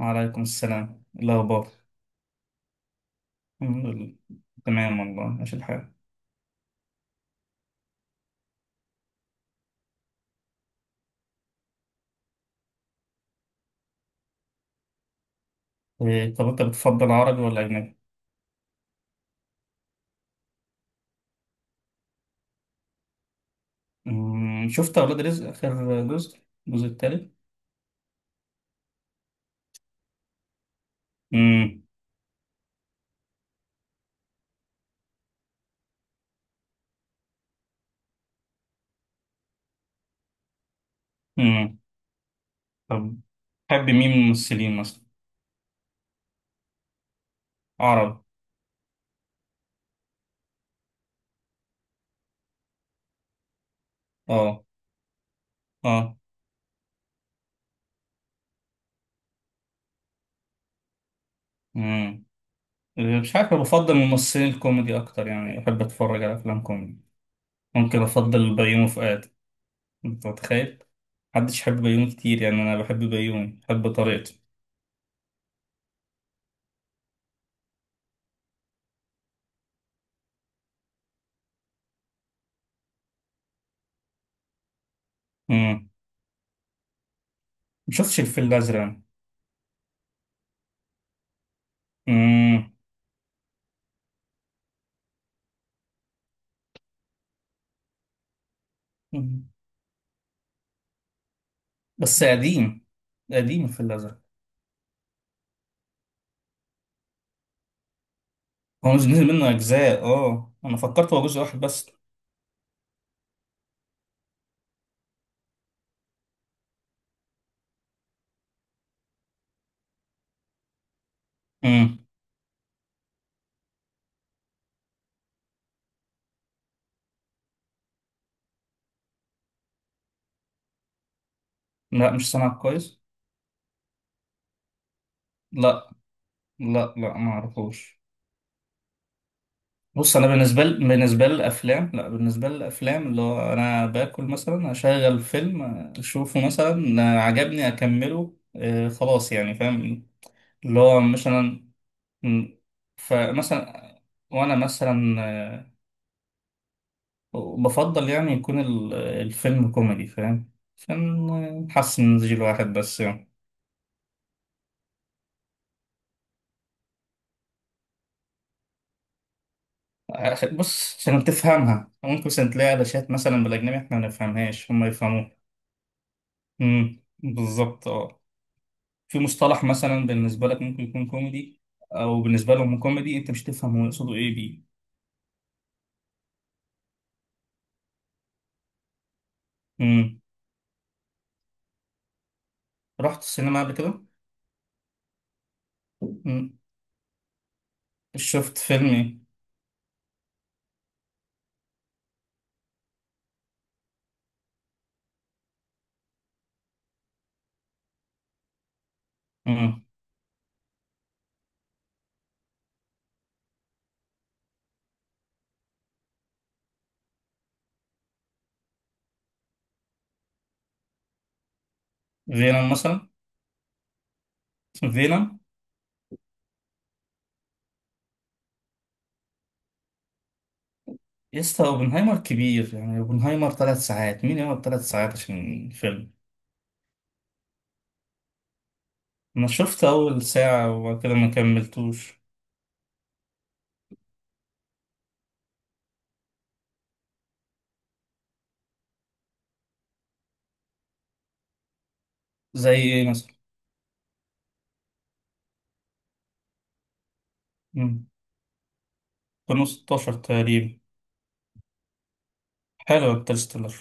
وعليكم السلام، إيه الأخبار؟ الحمد لله. تمام والله، ماشي الحال. إيه، طب أنت بتفضل عربي ولا أجنبي؟ شفت أولاد رزق آخر جزء، الجزء التالت؟ أمم، أمم. طب تحب مين من الممثلين مثلا؟ عربي، أه أه. أمم. إيه، مش عارف، أنا بفضل الممثلين الكوميدي أكتر، يعني أحب أتفرج على أفلام كوميدي. ممكن أفضل بيومي فؤاد، أنت متخيل؟ محدش يحب بيومي كتير، يعني أنا بحب بيومي، بحب طريقته. أمم. مشفتش الفيل الأزرق. مم. بس قديم، قديم في الأزرق. هو مش نزل منه أجزاء؟ اه، أنا فكرت هو جزء واحد بس. مم. لا مش سامع كويس. لا لا، ما أعرفوش. بص، أنا بالنسبة لي بالنسبة للأفلام، لا بالنسبة للأفلام، اللي هو أنا باكل مثلا أشغل فيلم، أشوفه مثلا، عجبني أكمله، آه خلاص، يعني فاهم. اللي هو مثلا، مم. فمثلا وأنا مثلا بفضل يعني يكون الفيلم كوميدي، فاهم؟ عشان نحسن نمزج الواحد بس يعني. بص، عشان تفهمها ممكن مثلا تلاقي علاشات مثلا بالأجنبي احنا ما نفهمهاش، هم يفهموها. امم، بالظبط اه. في مصطلح مثلا بالنسبة لك ممكن يكون كوميدي، أو بالنسبة لهم كوميدي أنت مش تفهم هو يقصده إيه بيه. امم. رحت السينما قبل كده؟ امم. شفت فيلم إيه؟ امم. فينوم مثلا. اسمه فينوم. يا اسطى اوبنهايمر كبير، يعني اوبنهايمر ثلاث ساعات، مين يقعد ثلاث ساعات عشان فيلم؟ انا شفت اول ساعة وبعد كده ما كملتوش. زي ايه مثلا؟ مم. كانوا 16 تقريبا. حلو انترستيلر.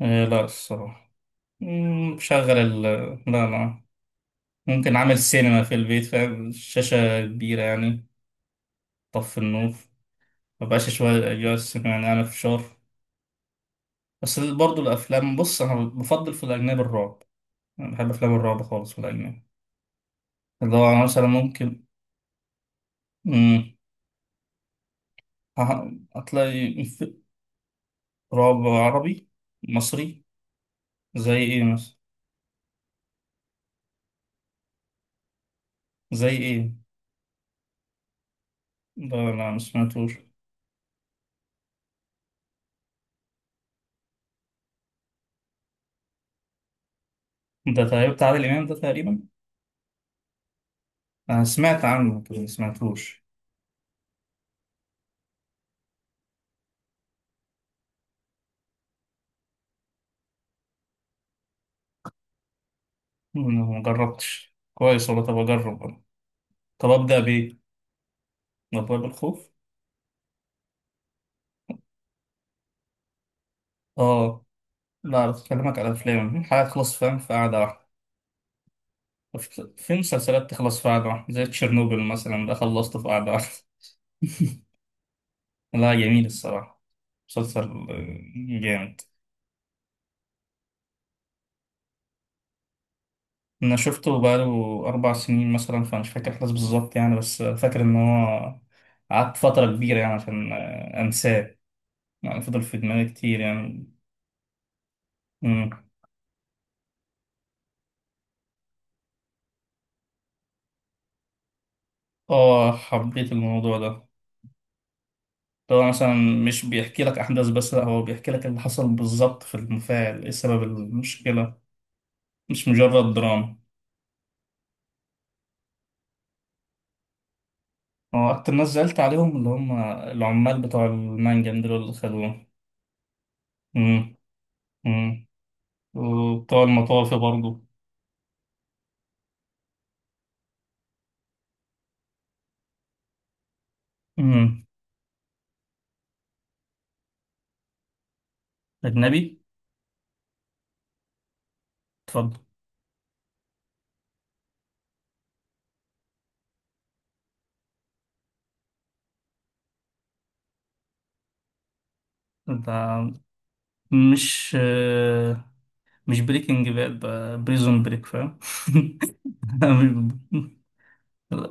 آه لا الصراحة. مم، بشغل ال لا لا ممكن عامل سينما في البيت، فاهم؟ الشاشة كبيرة يعني. طف النور، مبقاش شوية أجواء السينما، يعني أعمل فشار. بس برضه الأفلام، بص أنا بفضل في الأجنبي الرعب، أنا بحب أفلام الرعب خالص في الأجنبي. اللي هو مثلا ممكن. امم. هح- هتلاقي في- رعب عربي، مصري. زي ايه مثلا؟ زي ايه؟ ده لا، ما سمعتوش. ده تقريبا بتاع عادل امام ده تقريبا، انا سمعت عنه بس ما سمعتوش. أمم، ما جربتش كويس والله، طب اجرب أنا. طب ابدا بايه؟ ابدا بالخوف. اه لا، بكلمك على افلام، حاجه تخلص فاهم في قعده واحده. في مسلسلات تخلص في قعده واحده زي تشيرنوبل مثلا، ده خلصته في قعده واحده. لا جميل الصراحه. مسلسل آه، جامد. انا شفته بقاله اربع سنين مثلا، فمش فاكر الاحداث بالظبط يعني، بس فاكر ان هو قعدت فتره كبيره يعني عشان انساه، يعني فضل في دماغي كتير يعني. مم. اه، حبيت الموضوع ده. طبعا مثلا مش بيحكي لك احداث بس، لا هو بيحكي لك اللي حصل بالظبط في المفاعل، ايه سبب المشكله، مش مجرد دراما. هو اكتر ناس زعلت عليهم اللي هم العمال بتوع المنجم دول اللي خدوه. مم. مم. وبتوع المطافي برضه. مم. اجنبي. اتفضل. ده مش بريكنج باد، ده بريزون بريك فاهم.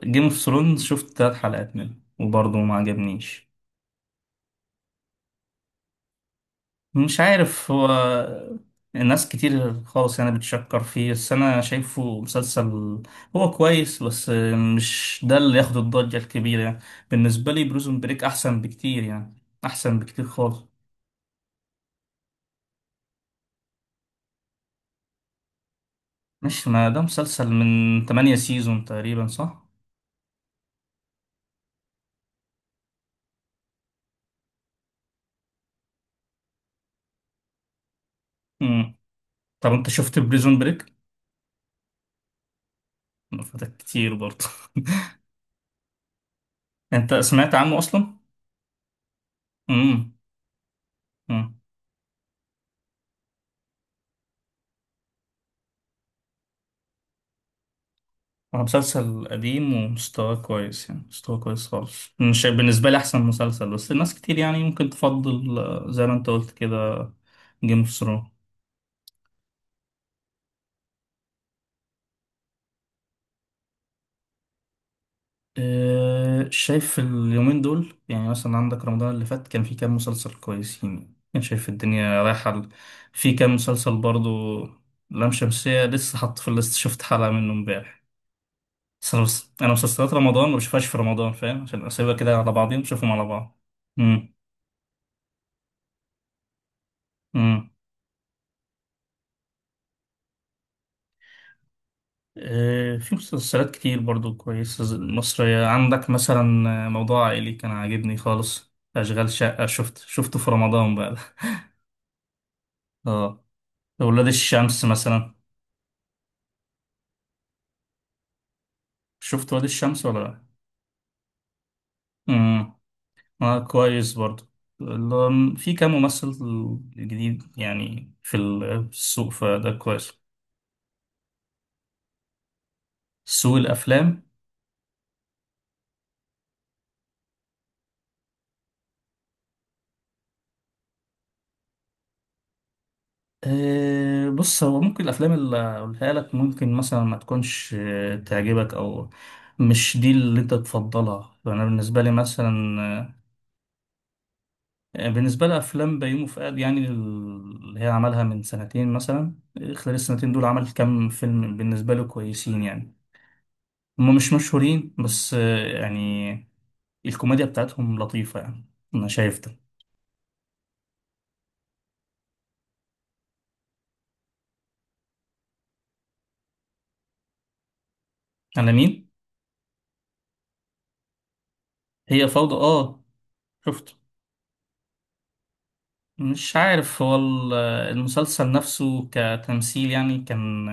جيم اوف ثرونز شفت تلات حلقات منه وبرضه ما عجبنيش. مش عارف هو، ناس كتير خالص يعني بتشكر فيه، بس انا شايفه مسلسل هو كويس بس مش ده اللي ياخد الضجة الكبيرة يعني. بالنسبة لي بريزون بريك احسن بكتير يعني، احسن بكتير خالص. مش ما ده مسلسل من 8 سيزون تقريبا، صح؟ طب انت شفت بريزون بريك؟ فاتك كتير برضه. انت سمعت عنه اصلا؟ امم. امم. هو مسلسل قديم ومستواه كويس يعني، مستواه كويس خالص، مش بالنسبة لي احسن مسلسل، بس الناس كتير يعني ممكن تفضل زي ما انت قلت كده جيم اوف ثرونز. شايف اليومين دول يعني، مثلا عندك رمضان اللي فات كان في كام مسلسل كويسين، كان شايف الدنيا رايحة في كام مسلسل برضه. لام شمسية لسه حاط في الليست، شفت حلقة منه امبارح. بس أنا مسلسلات رمضان ما بشوفهاش في رمضان فاهم، عشان أسيبها كده على بعضين نشوفهم على بعض. امم. امم. في مسلسلات كتير برضو كويسة، مصرية، عندك مثلا موضوع عائلي كان عاجبني خالص، أشغال شقة، شفته في رمضان بقى. اه، ولاد الشمس مثلا، شفت ولاد الشمس ولا لا؟ امم. اه، كويس برضو. في كام ممثل جديد يعني في في السوق، فده كويس. سوق الأفلام؟ أه بص، هو ممكن الأفلام اللي أقولها لك ممكن مثلا ما تكونش تعجبك، أو مش دي اللي أنت تفضلها. أنا بالنسبة لي مثلا بالنسبة لي أفلام بيومي فؤاد يعني، اللي هي عملها من سنتين مثلا، خلال السنتين دول عمل كام فيلم بالنسبة له كويسين يعني، هما مش مشهورين بس يعني الكوميديا بتاعتهم لطيفة يعني، أنا شايف ده. على مين؟ هي فوضى. آه شفت. مش عارف هو المسلسل نفسه كتمثيل يعني كان،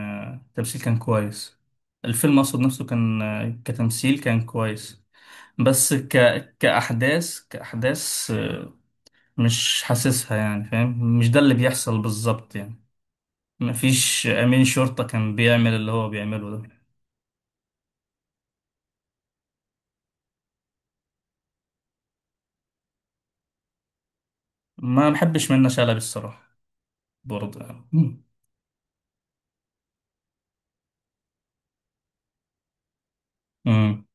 تمثيل كان كويس. الفيلم أقصد نفسه كان كتمثيل كان كويس. بس ك... كأحداث، كأحداث مش حاسسها يعني فاهم، مش ده اللي بيحصل بالظبط يعني. مفيش أمين شرطة كان بيعمل اللي هو بيعمله ده. ما بحبش منة شلبي الصراحة، برضه يعني. مم.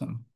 مم.